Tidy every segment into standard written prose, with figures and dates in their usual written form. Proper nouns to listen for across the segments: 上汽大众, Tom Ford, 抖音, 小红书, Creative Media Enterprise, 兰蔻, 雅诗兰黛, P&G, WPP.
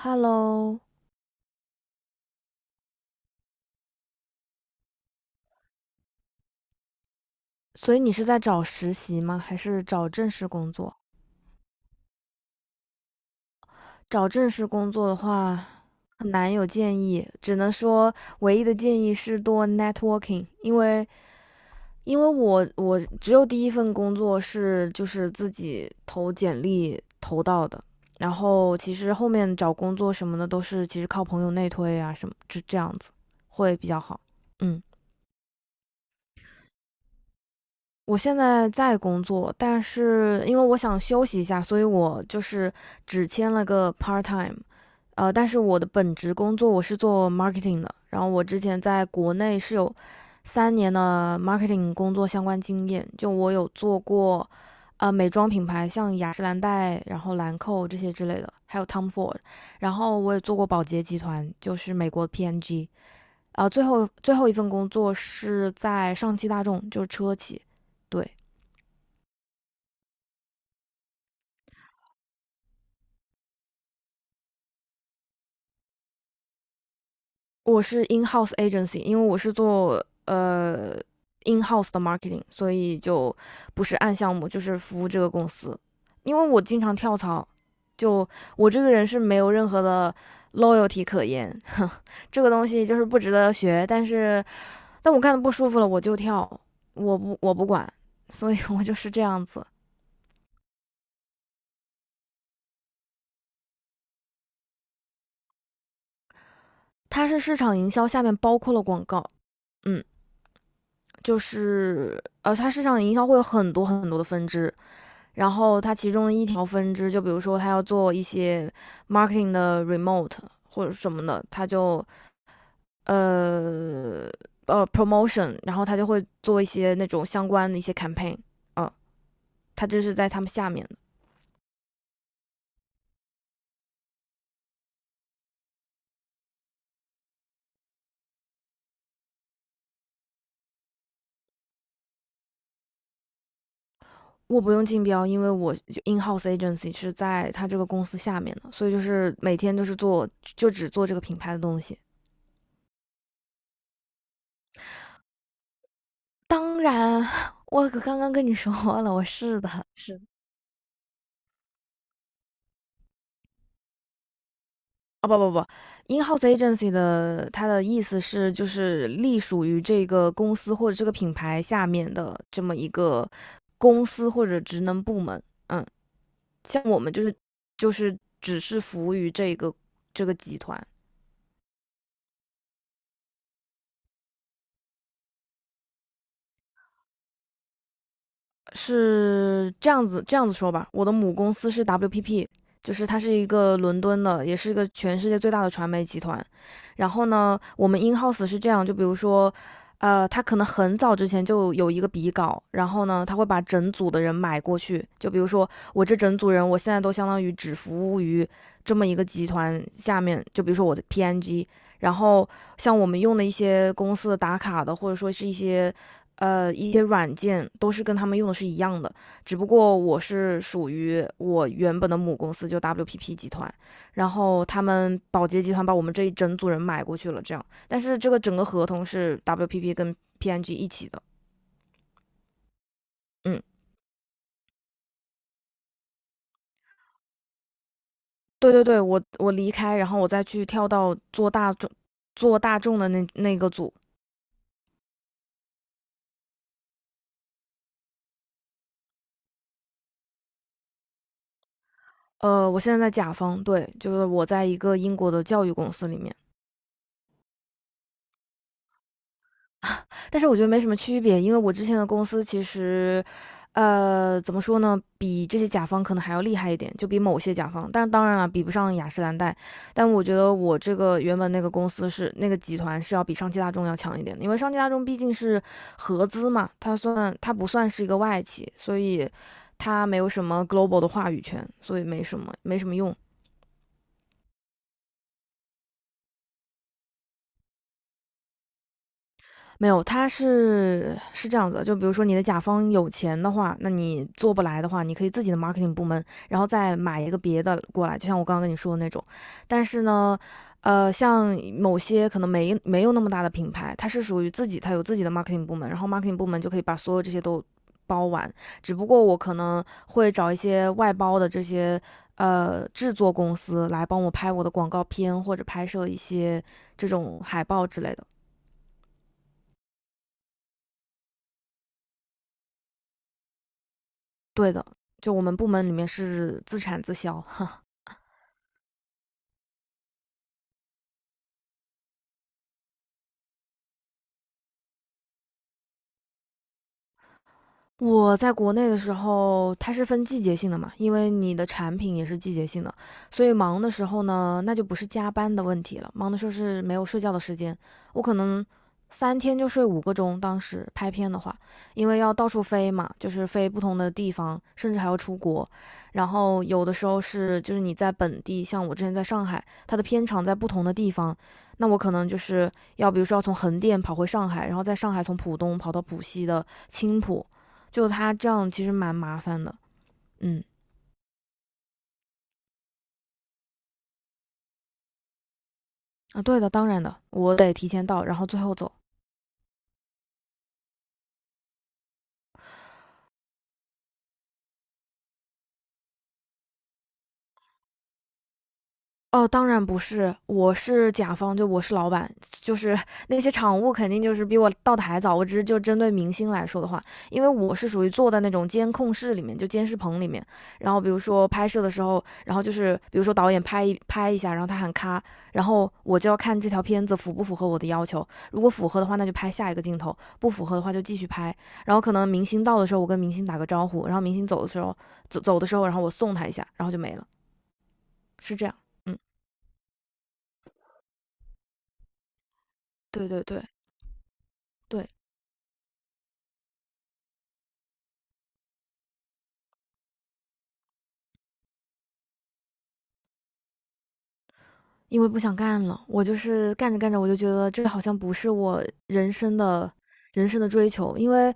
Hello，所以你是在找实习吗？还是找正式工作？找正式工作的话，很难有建议，只能说唯一的建议是多 networking，因为我只有第一份工作是就是自己投简历投到的，然后其实后面找工作什么的都是其实靠朋友内推啊什么，这样子会比较好。嗯。我现在在工作，但是因为我想休息一下，所以我就是只签了个 part time。但是我的本职工作我是做 marketing 的，然后我之前在国内是有3年的 marketing 工作相关经验，就我有做过美妆品牌，像雅诗兰黛，然后兰蔻这些之类的，还有 Tom Ford，然后我也做过宝洁集团，就是美国 P&G，最后一份工作是在上汽大众，就是车企，对。我是 in house agency，因为我是做in house 的 marketing，所以就不是按项目，就是服务这个公司。因为我经常跳槽，就我这个人是没有任何的 loyalty 可言，这个东西就是不值得学。但是，但我干的不舒服了，我就跳，我不管，所以 我就是这样子。它是市场营销下面包括了广告，嗯，它市场营销会有很多很多的分支，然后它其中的一条分支，就比如说他要做一些 marketing 的 remote 或者什么的，他就呃promotion，然后他就会做一些那种相关的一些 campaign，啊，他这是在他们下面的。我不用竞标，因为我 in house agency 是在他这个公司下面的，所以就是每天都是做就只做这个品牌的东西。当然，我刚刚跟你说了，我是的，是的，啊不不不，in-house agency 的它的意思是就是隶属于这个公司或者这个品牌下面的这么一个公司或者职能部门。嗯，像我们就是就是只是服务于这个集团。是这样子说吧，我的母公司是 WPP，就是它是一个伦敦的，也是一个全世界最大的传媒集团。然后呢，我们 in house 是这样，就比如说，他可能很早之前就有一个笔稿，然后呢，他会把整组的人买过去。就比如说我这整组人，我现在都相当于只服务于这么一个集团下面，就比如说我的 PNG。然后像我们用的一些公司的打卡的，或者说是一些一些软件都是跟他们用的是一样的，只不过我是属于我原本的母公司就 WPP 集团，然后他们宝洁集团把我们这一整组人买过去了，这样，但是这个整个合同是 WPP 跟 PNG 一起的，嗯，对对对，我离开，然后我再去跳到做大众的那个组，我现在在甲方，对，就是我在一个英国的教育公司里面，但是我觉得没什么区别，因为我之前的公司其实，怎么说呢，比这些甲方可能还要厉害一点，就比某些甲方，但当然了，比不上雅诗兰黛。但我觉得我这个原本那个公司是那个集团是要比上汽大众要强一点的，因为上汽大众毕竟是合资嘛，它不算是一个外企，所以它没有什么 global 的话语权，所以没什么用。没有，他是这样子就比如说你的甲方有钱的话，那你做不来的话，你可以自己的 marketing 部门，然后再买一个别的过来，就像我刚刚跟你说的那种。但是呢，像某些可能没有那么大的品牌，它是属于自己，它有自己的 marketing 部门，然后 marketing 部门就可以把所有这些都包完。只不过我可能会找一些外包的这些制作公司来帮我拍我的广告片或者拍摄一些这种海报之类的。对的，就我们部门里面是自产自销，哈。我在国内的时候，它是分季节性的嘛，因为你的产品也是季节性的，所以忙的时候呢，那就不是加班的问题了，忙的时候是没有睡觉的时间，我可能3天就睡5个钟。当时拍片的话，因为要到处飞嘛，就是飞不同的地方，甚至还要出国，然后有的时候是就是你在本地，像我之前在上海，它的片场在不同的地方，那我可能就是要比如说要从横店跑回上海，然后在上海从浦东跑到浦西的青浦。就他这样其实蛮麻烦的。嗯。啊，对的，当然的，我得提前到，然后最后走。哦，当然不是，我是甲方，就我是老板，就是那些场务肯定就是比我到的还早。我只是就针对明星来说的话，因为我是属于坐在那种监控室里面，就监视棚里面。然后比如说拍摄的时候，然后就是比如说导演拍一下，然后他喊咔，然后我就要看这条片子符不符合我的要求。如果符合的话，那就拍下一个镜头；不符合的话就继续拍。然后可能明星到的时候，我跟明星打个招呼，然后明星走的时候，走的时候，然后我送他一下，然后就没了，是这样。嗯，对对对。对，因为不想干了，我就是干着干着，我就觉得这好像不是我人生的人生的追求，因为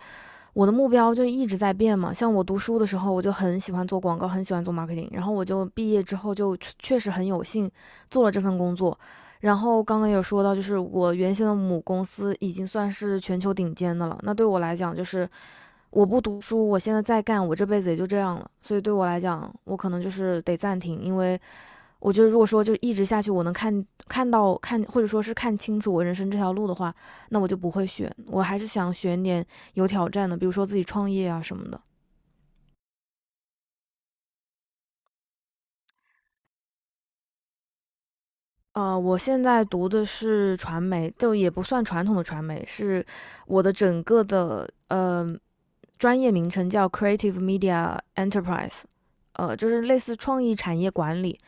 我的目标就一直在变嘛。像我读书的时候，我就很喜欢做广告，很喜欢做 marketing，然后我就毕业之后就确实很有幸做了这份工作。然后刚刚有说到，就是我原先的母公司已经算是全球顶尖的了。那对我来讲，就是我不读书，我现在再干，我这辈子也就这样了。所以对我来讲，我可能就是得暂停，因为我觉得如果说就一直下去，我能看到或者说是看清楚我人生这条路的话，那我就不会选，我还是想选点有挑战的，比如说自己创业啊什么的。我现在读的是传媒，就也不算传统的传媒，是我的整个的专业名称叫 Creative Media Enterprise，就是类似创意产业管理。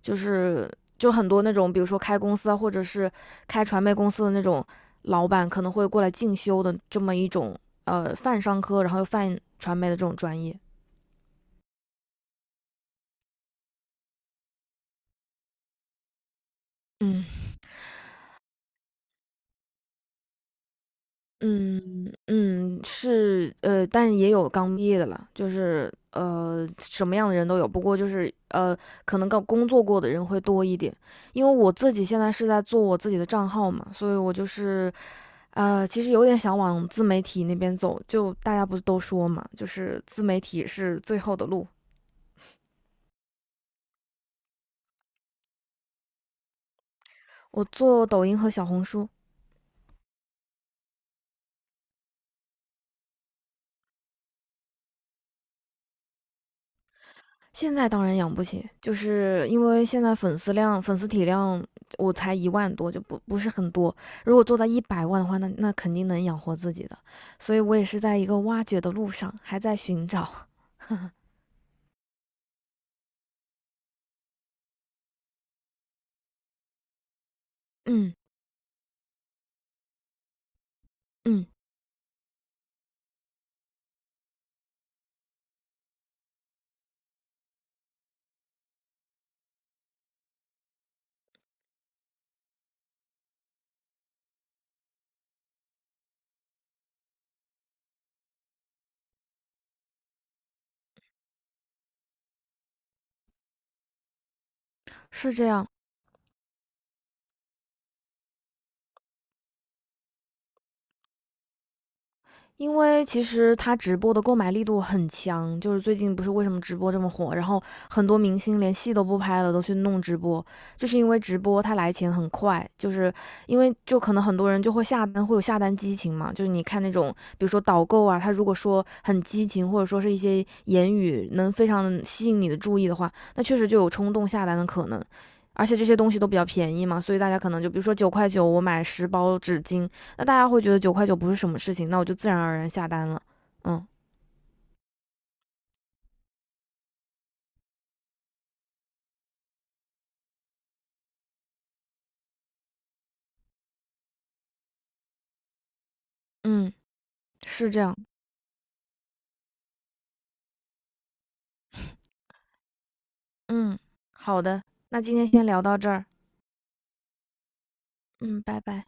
就是就很多那种，比如说开公司啊，或者是开传媒公司的那种老板，可能会过来进修的这么一种泛商科，然后又泛传媒的这种专业。嗯嗯嗯，是但也有刚毕业的了，就是什么样的人都有，不过就是可能刚工作过的人会多一点，因为我自己现在是在做我自己的账号嘛，所以我就是。其实有点想往自媒体那边走，就大家不是都说嘛，就是自媒体是最后的路。我做抖音和小红书，现在当然养不起，就是因为现在粉丝量、粉丝体量我才1万多，就不是很多。如果做到100万的话，那肯定能养活自己的。所以我也是在一个挖掘的路上，还在寻找。嗯嗯，是这样。因为其实他直播的购买力度很强，就是最近不是为什么直播这么火，然后很多明星连戏都不拍了，都去弄直播，就是因为直播他来钱很快，就是因为就可能很多人就会下单，会有下单激情嘛，就是你看那种比如说导购啊，他如果说很激情，或者说是一些言语能非常吸引你的注意的话，那确实就有冲动下单的可能。而且这些东西都比较便宜嘛，所以大家可能就比如说九块九，我买10包纸巾，那大家会觉得九块九不是什么事情，那我就自然而然下单了。嗯嗯，是这样。嗯，好的，那今天先聊到这儿。嗯，拜拜。